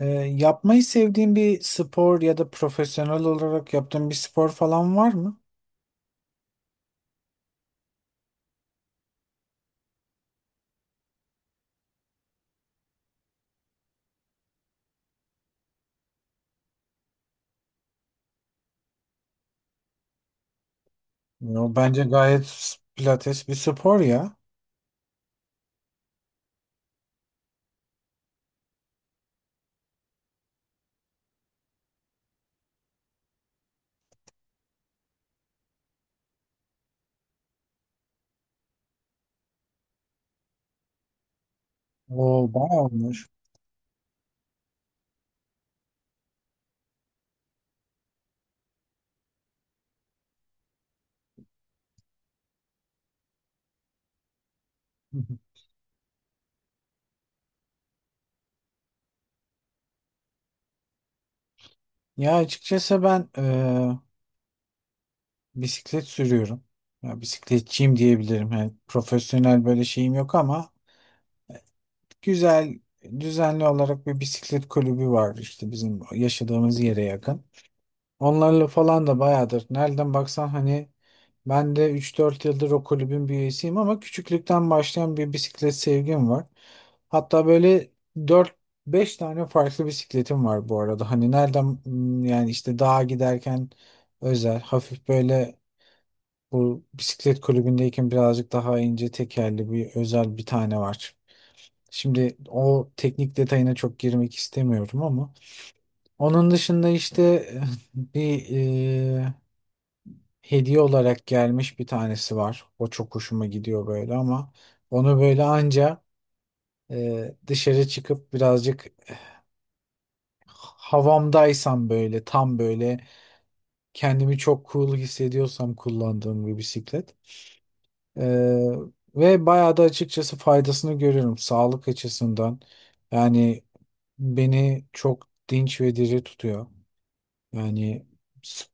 Ee, Yapmayı sevdiğin bir spor ya da profesyonel olarak yaptığın bir spor falan var mı? Ya, bence gayet pilates bir spor ya. O bayağı olmuş. Hı hı. Ya açıkçası ben bisiklet sürüyorum. Ya bisikletçiyim diyebilirim. Yani profesyonel böyle şeyim yok ama güzel, düzenli olarak bir bisiklet kulübü var işte bizim yaşadığımız yere yakın. Onlarla falan da bayağıdır. Nereden baksan hani ben de üç dört yıldır o kulübün bir üyesiyim ama küçüklükten başlayan bir bisiklet sevgim var. Hatta böyle dört beş tane farklı bisikletim var bu arada. Hani yani işte dağa giderken özel hafif böyle bu bisiklet kulübündeyken birazcık daha ince tekerli bir özel bir tane var. Şimdi o teknik detayına çok girmek istemiyorum ama onun dışında işte bir hediye olarak gelmiş bir tanesi var. O çok hoşuma gidiyor böyle ama onu böyle anca dışarı çıkıp birazcık havamdaysam, böyle tam böyle kendimi çok cool hissediyorsam kullandığım bir bisiklet. E, Ve bayağı da açıkçası faydasını görüyorum sağlık açısından. Yani beni çok dinç ve diri tutuyor. Yani s-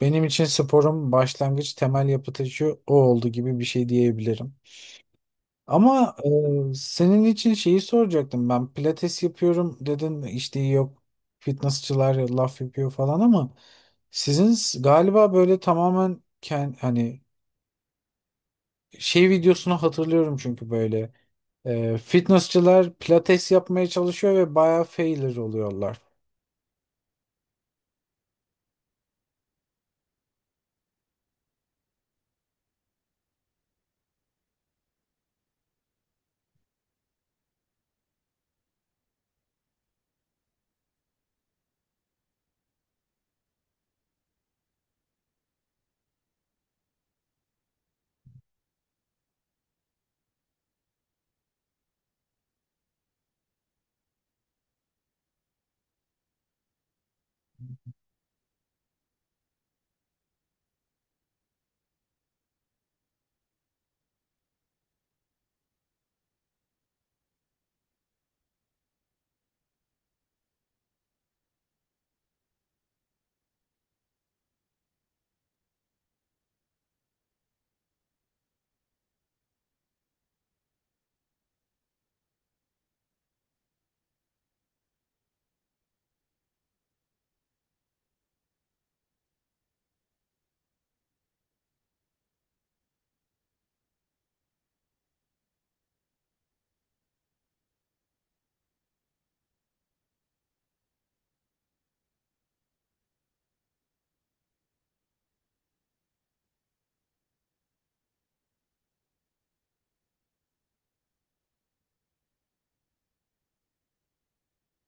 benim için sporum başlangıç, temel yapı taşı o oldu gibi bir şey diyebilirim. Ama senin için şeyi soracaktım ben. Pilates yapıyorum dedin, işte yok fitnessçılar laf yapıyor falan ama galiba böyle tamamen hani şey videosunu hatırlıyorum çünkü böyle fitnessçılar pilates yapmaya çalışıyor ve bayağı failure oluyorlar.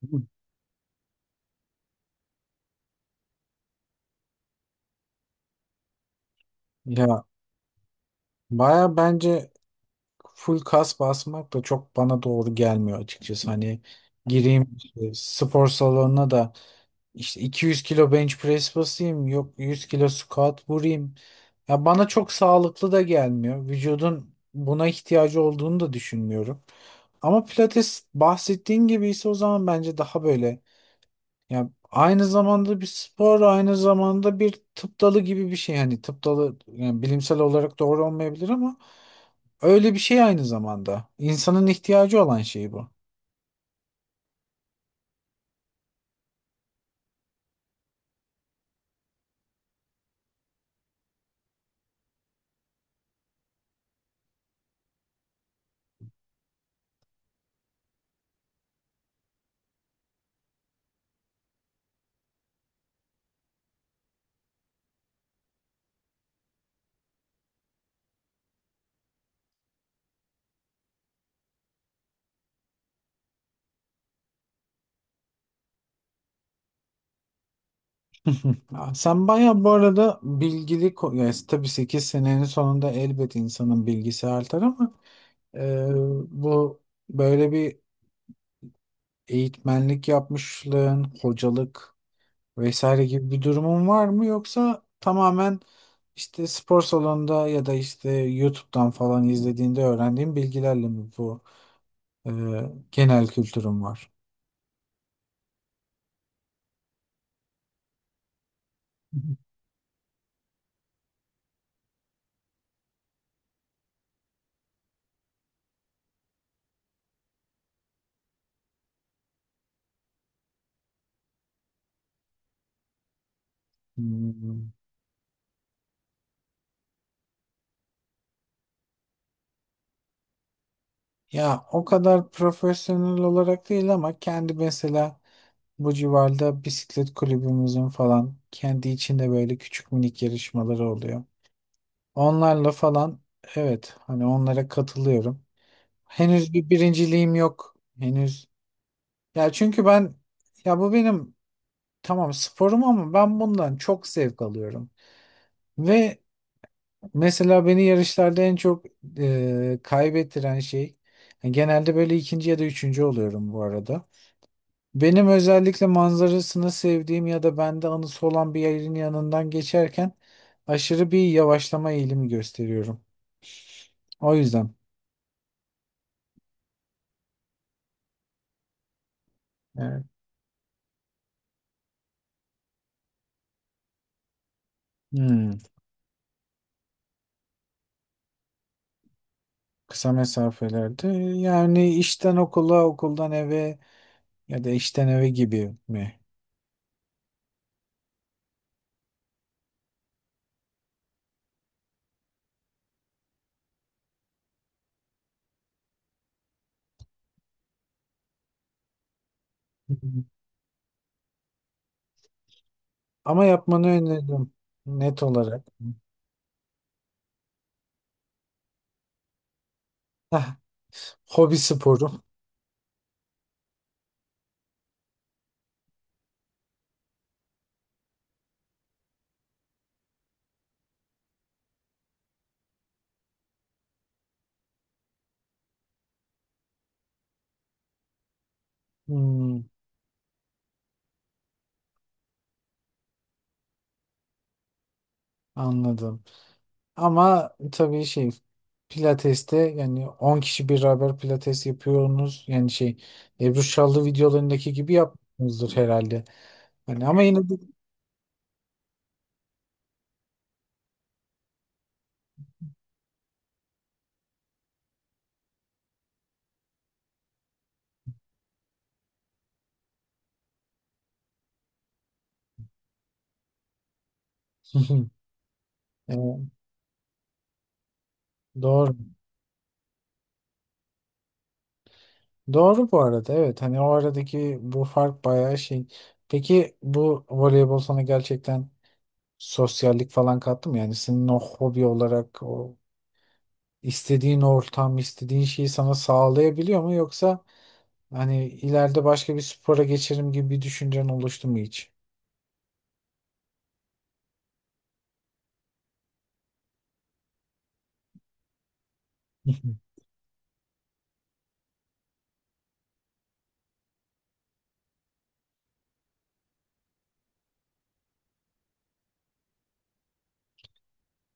Hı. Ya baya bence full kas basmak da çok bana doğru gelmiyor açıkçası. Hani gireyim spor salonuna da İşte 200 kilo bench press basayım, yok 100 kilo squat vurayım. Ya bana çok sağlıklı da gelmiyor. Vücudun buna ihtiyacı olduğunu da düşünmüyorum. Ama pilates bahsettiğin gibi ise o zaman bence daha böyle ya, aynı zamanda bir spor, aynı zamanda bir tıp dalı gibi bir şey. Hani tıp dalı yani bilimsel olarak doğru olmayabilir ama öyle bir şey aynı zamanda. İnsanın ihtiyacı olan şey bu. Hı. Aa, sen bayağı bu arada bilgili, yani tabii 8 senenin sonunda elbet insanın bilgisi artar ama e, bu böyle bir eğitmenlik yapmışlığın, hocalık vesaire gibi bir durumun var mı, yoksa tamamen işte spor salonunda ya da işte YouTube'dan falan izlediğinde öğrendiğin bilgilerle mi bu e, genel kültürün var? Hı hı. Hmm. Ya o kadar profesyonel olarak değil ama kendi, mesela bu civarda bisiklet kulübümüzün falan kendi içinde böyle küçük minik yarışmaları oluyor. Onlarla falan, evet, hani onlara katılıyorum. Henüz bir birinciliğim yok. Henüz. Ya çünkü ben, ya bu benim tamam sporum ama ben bundan çok zevk alıyorum. Ve mesela beni yarışlarda en çok kaybettiren şey, yani genelde böyle ikinci ya da üçüncü oluyorum bu arada. Benim özellikle manzarasını sevdiğim ya da bende anısı olan bir yerin yanından geçerken aşırı bir yavaşlama eğilimi gösteriyorum. O yüzden. Evet. Hmm, kısa mesafelerde yani işten okula, okuldan eve ya da işten eve gibi mi? Hı hı. Ama yapmanı öneririm, net olarak. Hah, hobi sporu. Hmm, anladım. Ama tabii şey, Pilates'te yani 10 kişi beraber pilates yapıyorsunuz. Yani şey, Ebru Şallı videolarındaki gibi yapmıyorsunuzdur herhalde. Hani ama yine de E, doğru. Doğru bu arada, evet. Hani o aradaki bu fark bayağı şey. Peki bu voleybol sana gerçekten sosyallik falan kattı mı? Yani senin o hobi olarak o istediğin ortam, istediğin şeyi sana sağlayabiliyor mu, yoksa hani ileride başka bir spora geçerim gibi bir düşüncen oluştu mu hiç?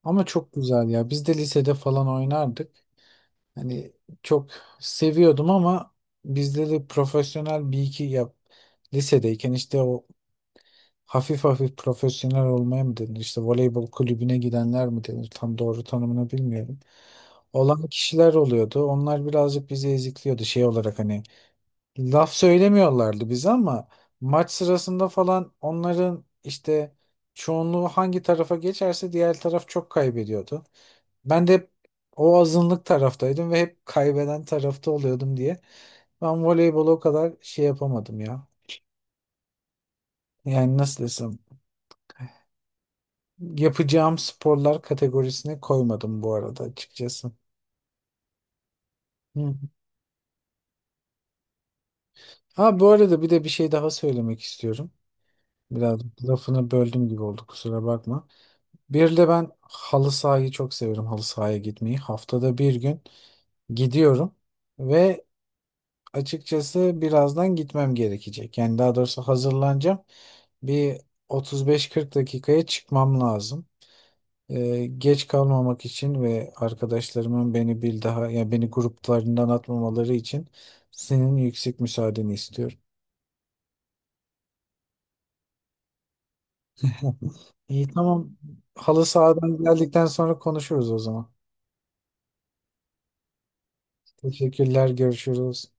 Ama çok güzel ya. Biz de lisede falan oynardık. Hani çok seviyordum ama bizde de profesyonel bir iki yap lisedeyken işte o hafif hafif profesyonel olmaya mı denir? İşte voleybol kulübüne gidenler mi denir? Tam doğru tanımını bilmiyorum. Olan kişiler oluyordu. Onlar birazcık bizi ezikliyordu şey olarak, hani laf söylemiyorlardı bize ama maç sırasında falan onların işte çoğunluğu hangi tarafa geçerse diğer taraf çok kaybediyordu. Ben de hep o azınlık taraftaydım ve hep kaybeden tarafta oluyordum diye. Ben voleybolu o kadar şey yapamadım ya. Yani nasıl desem, yapacağım sporlar kategorisine koymadım bu arada açıkçası. Hı. Ha, bu arada bir de bir şey daha söylemek istiyorum. Biraz lafını böldüm gibi oldu, kusura bakma. Bir de ben halı sahayı çok severim. Halı sahaya gitmeyi. Haftada bir gün gidiyorum ve açıkçası birazdan gitmem gerekecek. Yani daha doğrusu hazırlanacağım. Bir 35-40 dakikaya çıkmam lazım. Geç kalmamak için ve arkadaşlarımın beni bir daha, yani beni gruplarından atmamaları için senin yüksek müsaadeni istiyorum. İyi, tamam. Halı sahadan geldikten sonra konuşuruz o zaman. Teşekkürler, görüşürüz.